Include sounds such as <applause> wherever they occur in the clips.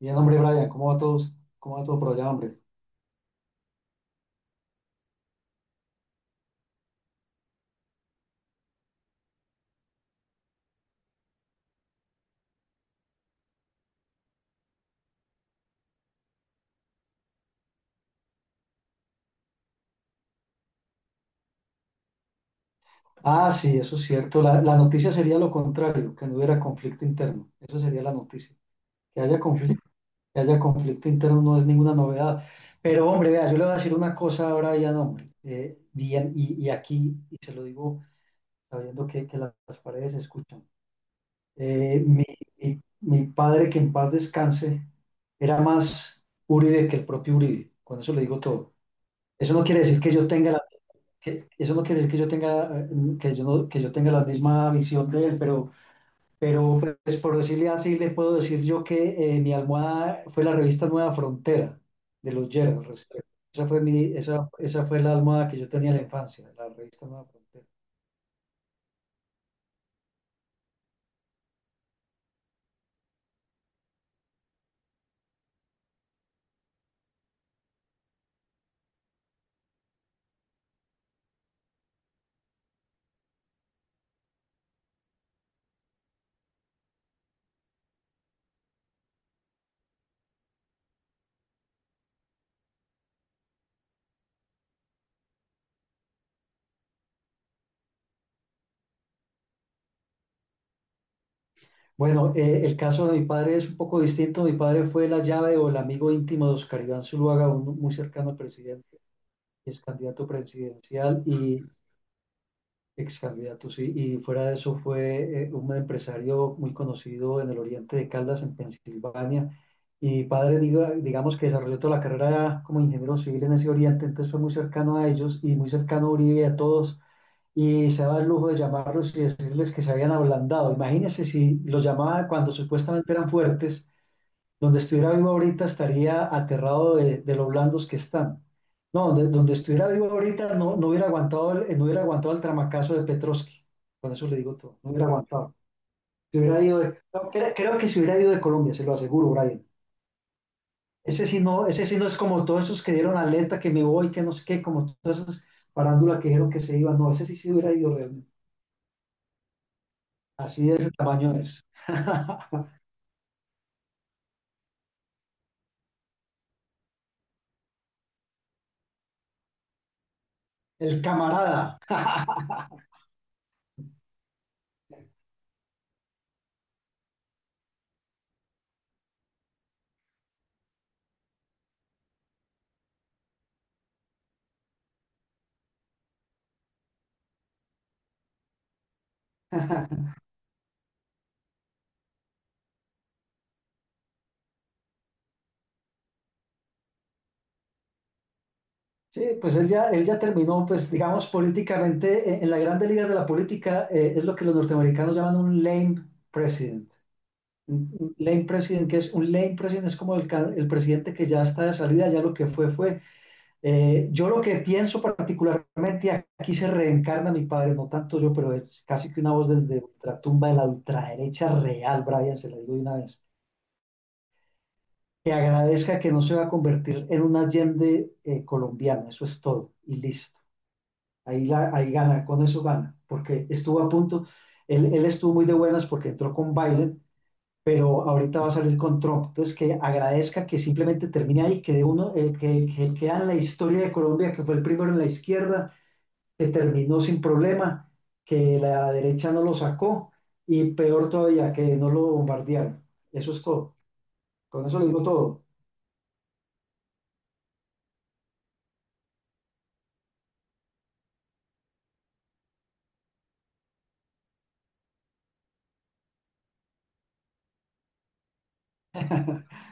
Bien, hombre, Brian, ¿cómo va todos? ¿Cómo va todo por allá, hombre? Ah, sí, eso es cierto. La noticia sería lo contrario, que no hubiera conflicto interno. Eso sería la noticia. Que haya conflicto, que haya conflicto interno no es ninguna novedad. Pero, hombre, vea, yo le voy a decir una cosa a Brian, hombre. Bien, y aquí, y se lo digo sabiendo que las paredes se escuchan. Eh, mi, mi padre, que en paz descanse, era más Uribe que el propio Uribe. Con eso le digo todo. Eso no quiere decir que yo tenga la, que eso no quiere decir que yo tenga, que yo no- que yo tenga la misma visión de él, pero pues por decirle así, le puedo decir yo que mi almohada fue la revista Nueva Frontera de los Gerald Restrepo. Esa fue la almohada que yo tenía en la infancia, la revista Nueva Frontera. Bueno, el caso de mi padre es un poco distinto. Mi padre fue la llave o el amigo íntimo de Oscar Iván Zuluaga, muy cercano al presidente, es candidato presidencial y ex candidato, sí. Y fuera de eso fue un empresario muy conocido en el oriente de Caldas, en Pensilvania. Y mi padre, digamos que desarrolló toda la carrera como ingeniero civil en ese oriente, entonces fue muy cercano a ellos y muy cercano a Uribe y a todos. Y se daba el lujo de llamarlos y decirles que se habían ablandado. Imagínense si los llamaba cuando supuestamente eran fuertes, donde estuviera vivo ahorita estaría aterrado de lo blandos que están. No, donde estuviera vivo ahorita no hubiera aguantado el tramacazo de Petrovsky. Con eso le digo todo. No hubiera aguantado. Se hubiera ido no, creo que se hubiera ido de Colombia, se lo aseguro, Brian. Ese sí no es como todos esos que dieron alerta que me voy, que no sé qué, como todas esas parándulas que dijeron que se iban. No, ese sí se hubiera ido realmente. Así de ese tamaño es. <laughs> El camarada. <laughs> Sí, pues él ya terminó, pues digamos, políticamente, en las grandes ligas de la política, es lo que los norteamericanos llaman un lame president. Un lame president, que es un lame president, es como el presidente que ya está de salida, ya lo que fue, fue. Yo lo que pienso particularmente, aquí se reencarna mi padre, no tanto yo, pero es casi que una voz desde ultratumba de la ultraderecha real, Brian, se la digo de una vez, que agradezca que no se va a convertir en un Allende colombiano, eso es todo, y listo. Ahí gana, con eso gana, porque estuvo a punto, él estuvo muy de buenas porque entró con Biden, pero ahorita va a salir con Trump. Entonces, que agradezca que simplemente termine ahí, que queda en la historia de Colombia, que fue el primero en la izquierda, que terminó sin problema, que la derecha no lo sacó y peor todavía, que no lo bombardearon. Eso es todo. Con eso lo digo todo. <laughs>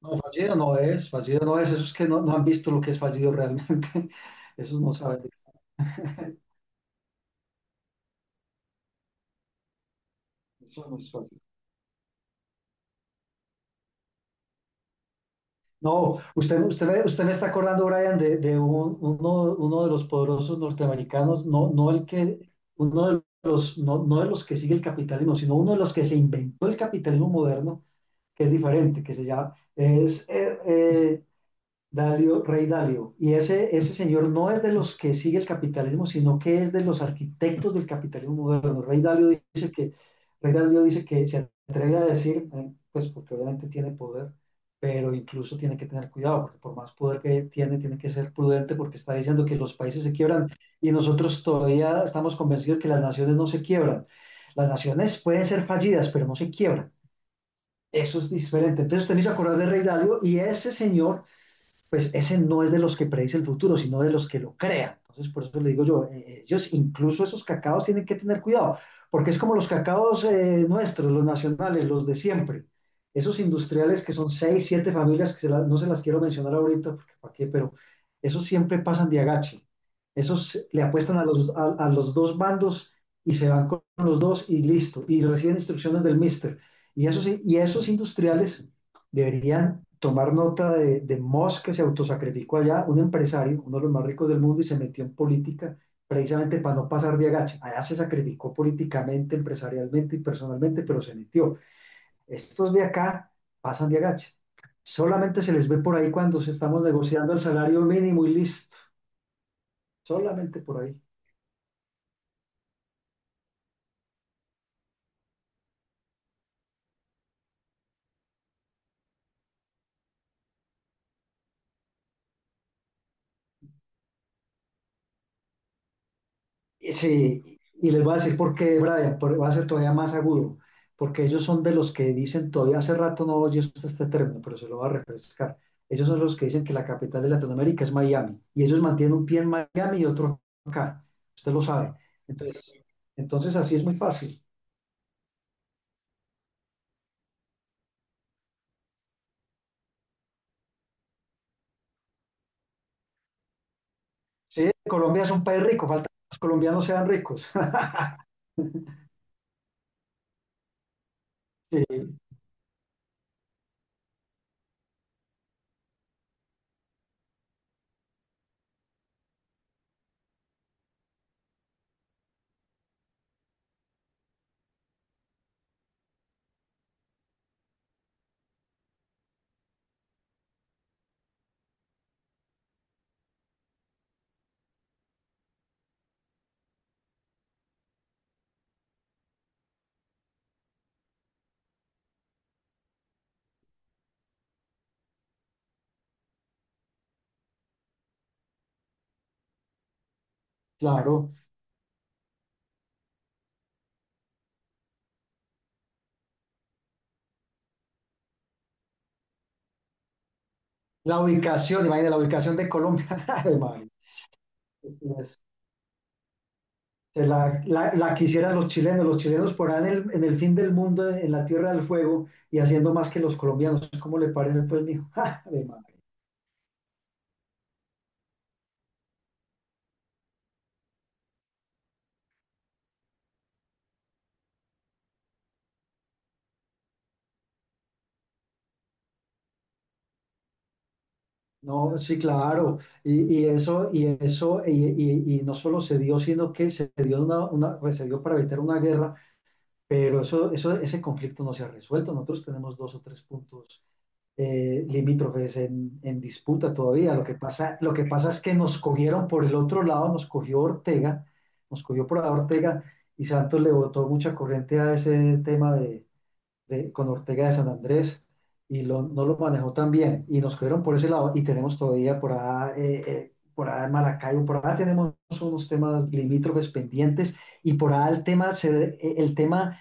No, fallido no es, fallido no es. Esos que no han visto lo que es fallido realmente, <laughs> esos no saben. <laughs> Eso no es fácil. No, usted me está acordando, Brian, de uno de los poderosos norteamericanos, no el que, uno de los, no de los que sigue el capitalismo, sino uno de los que se inventó el capitalismo moderno, que es diferente, que se llama, Dalio, Rey Dalio. Y ese señor no es de los que sigue el capitalismo, sino que es de los arquitectos del capitalismo moderno. Dice que, Rey Dalio dice que se atreve a decir, pues porque obviamente tiene poder, pero incluso tiene que tener cuidado, porque por más poder que tiene, tiene que ser prudente porque está diciendo que los países se quiebran y nosotros todavía estamos convencidos que las naciones no se quiebran. Las naciones pueden ser fallidas, pero no se quiebran. Eso es diferente. Entonces, usted me hizo acordar de Rey Dalio, y ese señor, pues ese no es de los que predice el futuro, sino de los que lo crean. Entonces, por eso le digo yo, ellos incluso esos cacaos tienen que tener cuidado, porque es como los cacaos nuestros, los nacionales, los de siempre. Esos industriales que son seis, siete familias, que no se las quiero mencionar ahorita, porque para qué, pero esos siempre pasan de agache. Esos le apuestan a los, a los dos bandos y se van con los dos y listo. Y reciben instrucciones del mister. Y esos industriales deberían tomar nota de Musk, que se autosacrificó allá, un empresario, uno de los más ricos del mundo, y se metió en política precisamente para no pasar de agacha. Allá se sacrificó políticamente, empresarialmente y personalmente, pero se metió. Estos de acá pasan de agacha. Solamente se les ve por ahí cuando se estamos negociando el salario mínimo y listo. Solamente por ahí. Sí, y les voy a decir por qué, Brian, va a ser todavía más agudo, porque ellos son de los que dicen, todavía hace rato no oyes este término, pero se lo va a refrescar. Ellos son los que dicen que la capital de Latinoamérica es Miami, y ellos mantienen un pie en Miami y otro acá, usted lo sabe. Entonces, entonces así es muy fácil. Sí, Colombia es un país rico, falta que los colombianos sean ricos. <laughs> Sí, claro. La ubicación, imagínate, la ubicación de Colombia, <laughs> Ave María. Se la quisieran los chilenos por ahí en el fin del mundo, en la Tierra del Fuego, y haciendo más que los colombianos. ¿Cómo le parece, pues, mijo? <laughs> ¡Ja! Ave María. No, sí, claro. Y eso, y eso, y no solo se dio, sino que se dio pues, se dio para evitar una guerra, pero ese conflicto no se ha resuelto. Nosotros tenemos dos o tres puntos limítrofes, en disputa todavía. Lo que pasa es que nos cogieron por el otro lado, nos cogió Ortega, nos cogió por la Ortega, y Santos le botó mucha corriente a ese tema con Ortega de San Andrés, y no lo manejó tan bien, y nos cogieron por ese lado, y tenemos todavía por allá en Maracaibo, por allá tenemos unos temas limítrofes pendientes, y por allá el tema, el tema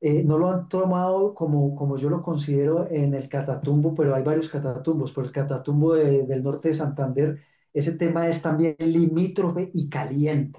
no lo han tomado como, como yo lo considero, en el Catatumbo, pero hay varios Catatumbos. Por el Catatumbo del norte de Santander, ese tema es también limítrofe y caliente.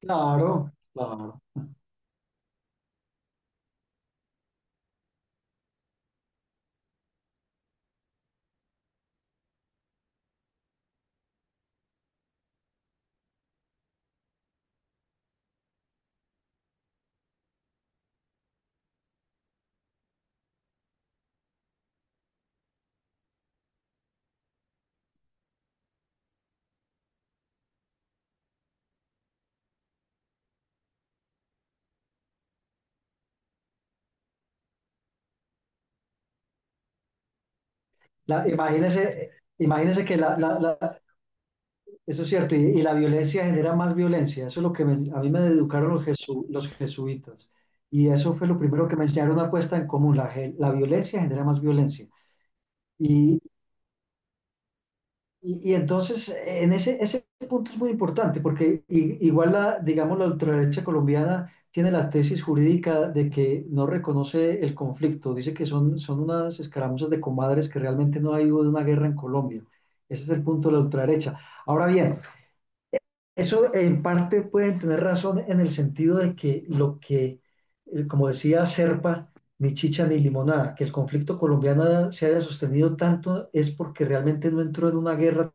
Claro, claro. La, imagínese, imagínese que eso es cierto, y la violencia genera más violencia. Eso es lo que me- a mí me educaron los, los jesuitas. Y eso fue lo primero que me enseñaron, una puesta en común. La violencia genera más violencia. Y, y entonces, en ese, ese punto es muy importante, porque igual, digamos, la ultraderecha colombiana tiene la tesis jurídica de que no reconoce el conflicto, dice que son, son unas escaramuzas de comadres, que realmente no ha habido una guerra en Colombia. Ese es el punto de la ultraderecha. Ahora bien, eso en parte pueden tener razón en el sentido de que lo que, como decía Serpa, ni chicha ni limonada, que el conflicto colombiano se haya sostenido tanto es porque realmente no entró en una guerra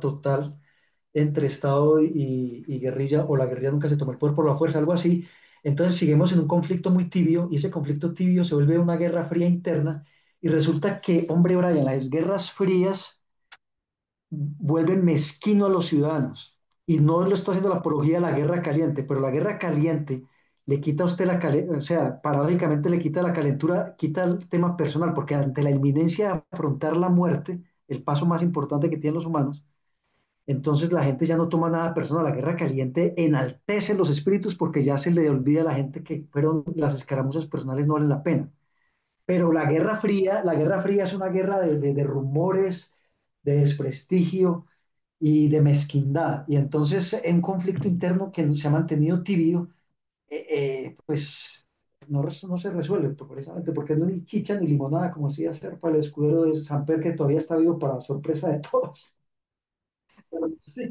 total entre Estado y guerrilla, o la guerrilla nunca se tomó el poder por la fuerza, algo así. Entonces seguimos en un conflicto muy tibio, y ese conflicto tibio se vuelve una guerra fría interna, y resulta que, hombre, Brian, las guerras frías vuelven mezquino a los ciudadanos, y no lo está haciendo la apología de la guerra caliente, pero la guerra caliente le quita a usted la calentura, o sea, paradójicamente le quita la calentura, quita el tema personal, porque ante la inminencia de afrontar la muerte, el paso más importante que tienen los humanos, entonces la gente ya no toma nada personal. La guerra caliente enaltece los espíritus porque ya se le olvida a la gente que fueron las escaramuzas personales, no valen la pena. Pero la guerra fría es una guerra de rumores, de desprestigio y de mezquindad. Y entonces en conflicto interno que se ha mantenido tibio, eh, pues no se resuelve precisamente porque no hay ni chicha ni limonada, como si hacer para el escudero de San Pedro que todavía está vivo para sorpresa de todos. <laughs> Pero, sí,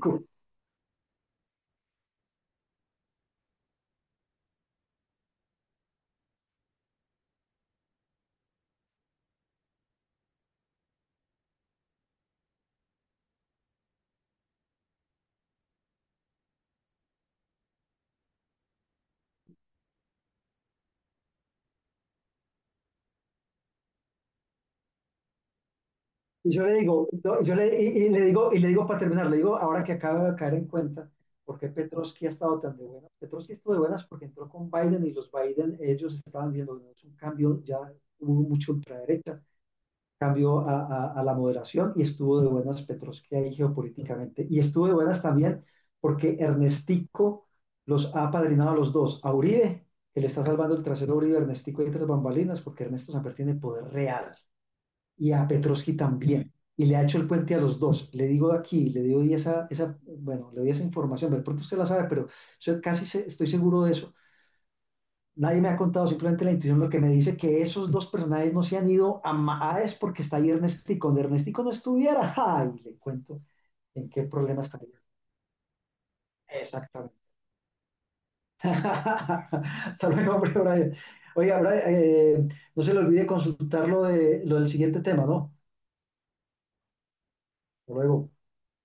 y yo le digo, no, yo le, y le digo, y le digo para terminar, le digo, ahora que acaba de caer en cuenta, ¿por qué Petrovsky ha estado tan de buenas? Petrovsky estuvo de buenas porque entró con Biden, y los Biden, ellos estaban diciendo, no, es un cambio, ya hubo mucho ultraderecha, cambio a la moderación, y estuvo de buenas Petrovsky ahí geopolíticamente. Y estuvo de buenas también porque Ernestico los ha apadrinado a los dos, a Uribe, que le está salvando el trasero a Uribe, Ernestico, y tres bambalinas, porque Ernesto Samper tiene poder real, y a Petrovsky también. Y le ha hecho el puente a los dos. Le digo aquí, le doy esa, bueno, le doy esa información. De pronto usted la sabe, pero yo casi estoy seguro de eso. Nadie me ha contado, simplemente la intuición, lo que me dice que esos dos personajes no se han ido a Maades porque está ahí Ernestico. Donde Ernestico no estuviera, <laughs> ¡ay! Le cuento en qué problema estaría. Exactamente. <laughs> Hasta luego, hombre, Brian. Oiga, Brian, no se le olvide consultar lo del siguiente tema, ¿no? Hasta luego.